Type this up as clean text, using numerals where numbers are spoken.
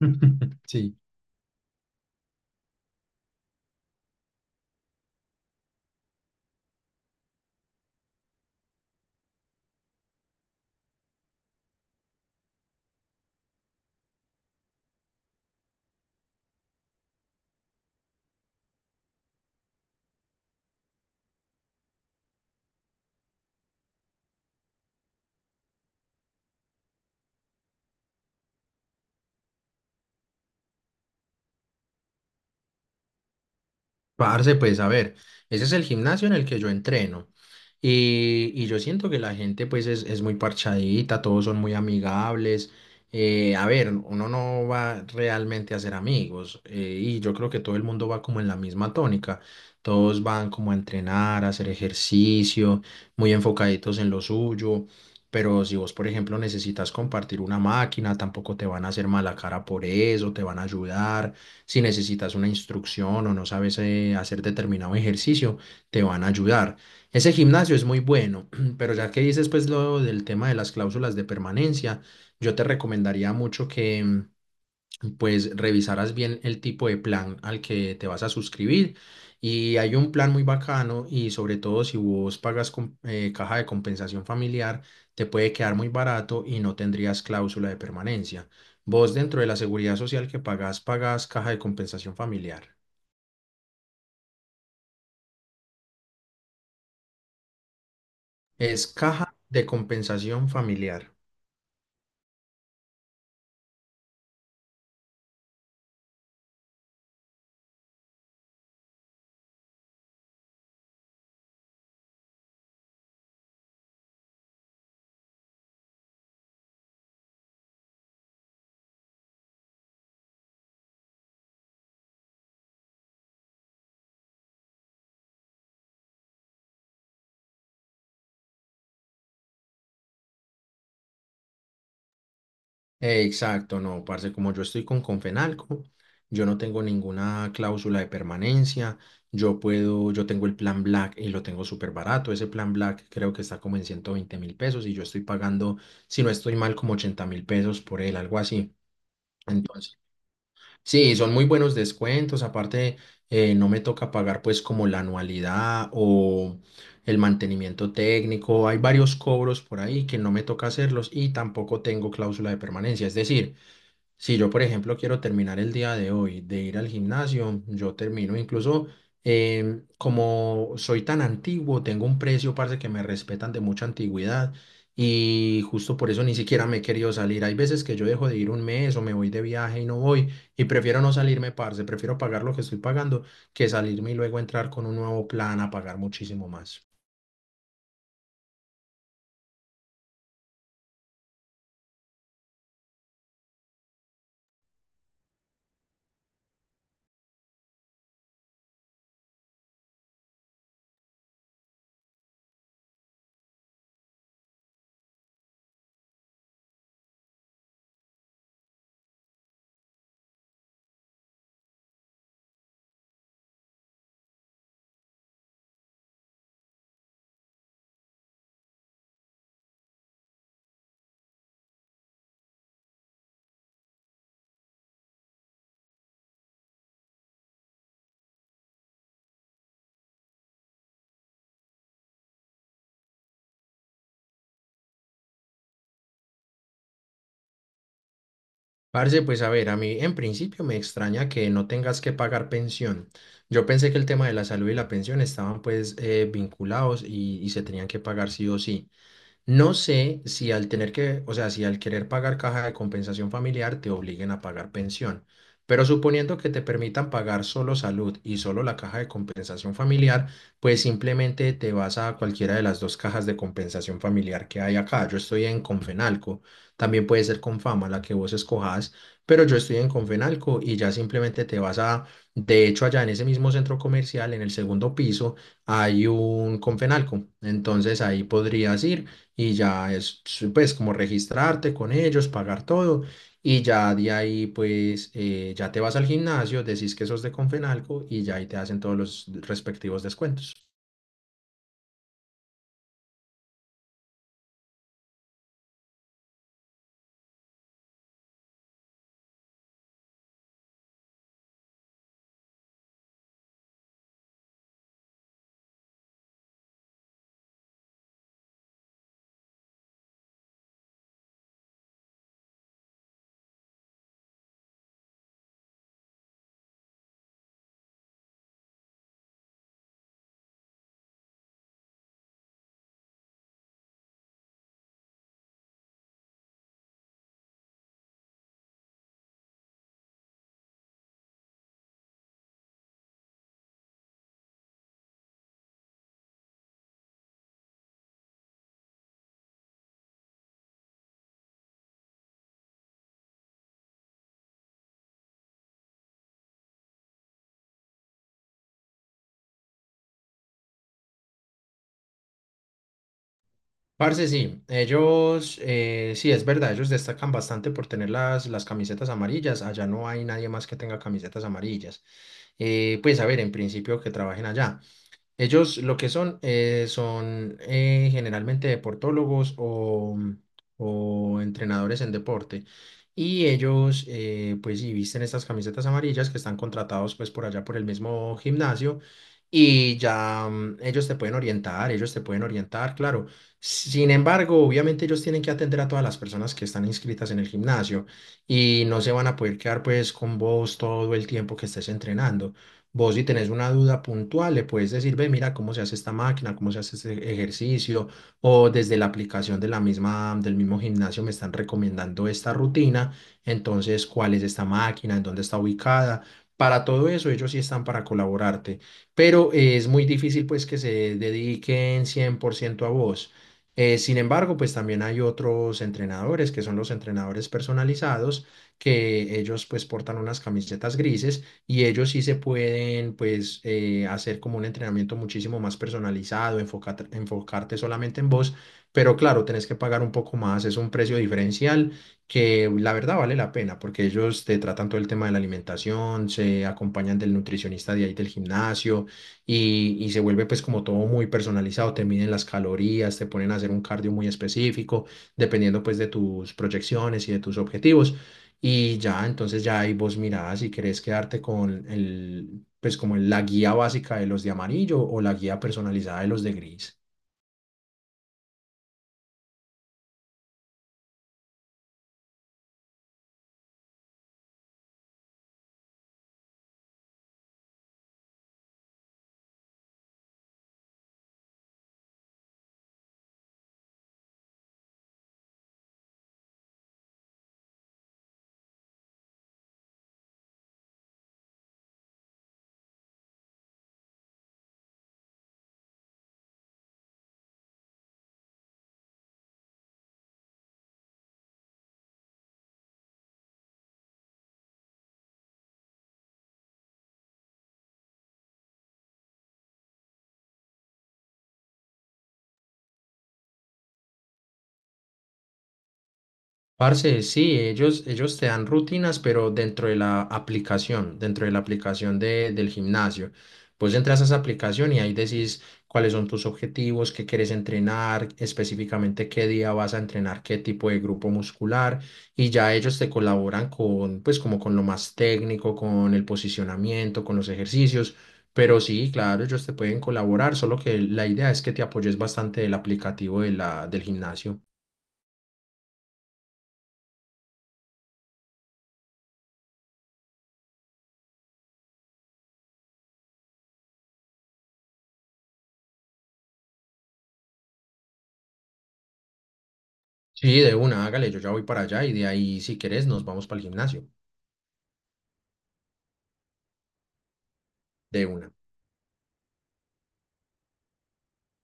Sí, parce, pues a ver, ese es el gimnasio en el que yo entreno y yo siento que la gente pues es muy parchadita, todos son muy amigables. A ver, uno no va realmente a ser amigos y yo creo que todo el mundo va como en la misma tónica. Todos van como a entrenar, a hacer ejercicio, muy enfocaditos en lo suyo. Pero si vos, por ejemplo, necesitas compartir una máquina, tampoco te van a hacer mala cara por eso, te van a ayudar. Si necesitas una instrucción o no sabes hacer determinado ejercicio, te van a ayudar. Ese gimnasio es muy bueno, pero ya que dices pues lo del tema de las cláusulas de permanencia, yo te recomendaría mucho que pues revisarás bien el tipo de plan al que te vas a suscribir. Y hay un plan muy bacano y sobre todo si vos pagas con, caja de compensación familiar, te puede quedar muy barato y no tendrías cláusula de permanencia. Vos dentro de la seguridad social que pagás, pagás caja de compensación familiar. Es caja de compensación familiar. Exacto, no, parce, como yo estoy con Confenalco, yo no tengo ninguna cláusula de permanencia, yo puedo, yo tengo el plan Black y lo tengo súper barato, ese plan Black creo que está como en 120.000 pesos y yo estoy pagando, si no estoy mal, como 80.000 pesos por él, algo así. Entonces, sí, son muy buenos descuentos. Aparte, no me toca pagar pues como la anualidad o el mantenimiento técnico. Hay varios cobros por ahí que no me toca hacerlos y tampoco tengo cláusula de permanencia. Es decir, si yo, por ejemplo, quiero terminar el día de hoy de ir al gimnasio, yo termino. Incluso como soy tan antiguo, tengo un precio, parce, que me respetan de mucha antigüedad. Y justo por eso ni siquiera me he querido salir. Hay veces que yo dejo de ir un mes o me voy de viaje y no voy y prefiero no salirme, parce, prefiero pagar lo que estoy pagando que salirme y luego entrar con un nuevo plan a pagar muchísimo más. Parce, pues a ver, a mí en principio me extraña que no tengas que pagar pensión. Yo pensé que el tema de la salud y la pensión estaban pues vinculados y se tenían que pagar sí o sí. No sé si al tener que, o sea, si al querer pagar caja de compensación familiar te obliguen a pagar pensión, pero suponiendo que te permitan pagar solo salud y solo la caja de compensación familiar, pues simplemente te vas a cualquiera de las dos cajas de compensación familiar que hay acá. Yo estoy en Confenalco, también puede ser Confama, la que vos escojas, pero yo estoy en Confenalco y ya simplemente te vas a, de hecho, allá en ese mismo centro comercial, en el segundo piso, hay un Confenalco, entonces ahí podrías ir y ya es pues como registrarte con ellos, pagar todo y ya de ahí pues ya te vas al gimnasio, decís que sos de Confenalco y ya ahí te hacen todos los respectivos descuentos. Parce, sí, ellos, sí, es verdad, ellos destacan bastante por tener las camisetas amarillas. Allá no hay nadie más que tenga camisetas amarillas. Pues a ver, en principio que trabajen allá. Ellos lo que son son generalmente deportólogos o entrenadores en deporte. Y ellos pues y visten estas camisetas amarillas que están contratados pues por allá por el mismo gimnasio y ya ellos te pueden orientar, ellos te pueden orientar, claro. Sin embargo, obviamente ellos tienen que atender a todas las personas que están inscritas en el gimnasio y no se van a poder quedar pues con vos todo el tiempo que estés entrenando. Vos si tenés una duda puntual, le puedes decir, ve, mira cómo se hace esta máquina, cómo se hace este ejercicio, o desde la aplicación de la misma, del mismo gimnasio me están recomendando esta rutina, entonces, ¿cuál es esta máquina? ¿En dónde está ubicada? Para todo eso, ellos sí están para colaborarte, pero es muy difícil pues que se dediquen 100% a vos. Sin embargo, pues también hay otros entrenadores que son los entrenadores personalizados, que ellos pues portan unas camisetas grises y ellos sí se pueden pues hacer como un entrenamiento muchísimo más personalizado, enfocarte, enfocarte solamente en vos, pero claro, tenés que pagar un poco más, es un precio diferencial que la verdad vale la pena porque ellos te tratan todo el tema de la alimentación, se acompañan del nutricionista de ahí del gimnasio y se vuelve pues como todo muy personalizado, te miden las calorías, te ponen a hacer un cardio muy específico, dependiendo pues de tus proyecciones y de tus objetivos. Y ya, entonces ya ahí vos mirás si querés quedarte con el, pues como la guía básica de los de amarillo o la guía personalizada de los de gris. Parce, sí, ellos te dan rutinas, pero dentro de la aplicación, dentro de la aplicación del gimnasio. Pues entras a esa aplicación y ahí decís cuáles son tus objetivos, qué quieres entrenar, específicamente qué día vas a entrenar, qué tipo de grupo muscular, y ya ellos te colaboran con, pues como con lo más técnico, con el posicionamiento, con los ejercicios. Pero sí, claro, ellos te pueden colaborar, solo que la idea es que te apoyes bastante del aplicativo de la, del gimnasio. Sí, de una, hágale, yo ya voy para allá y de ahí, si querés, nos vamos para el gimnasio. De una.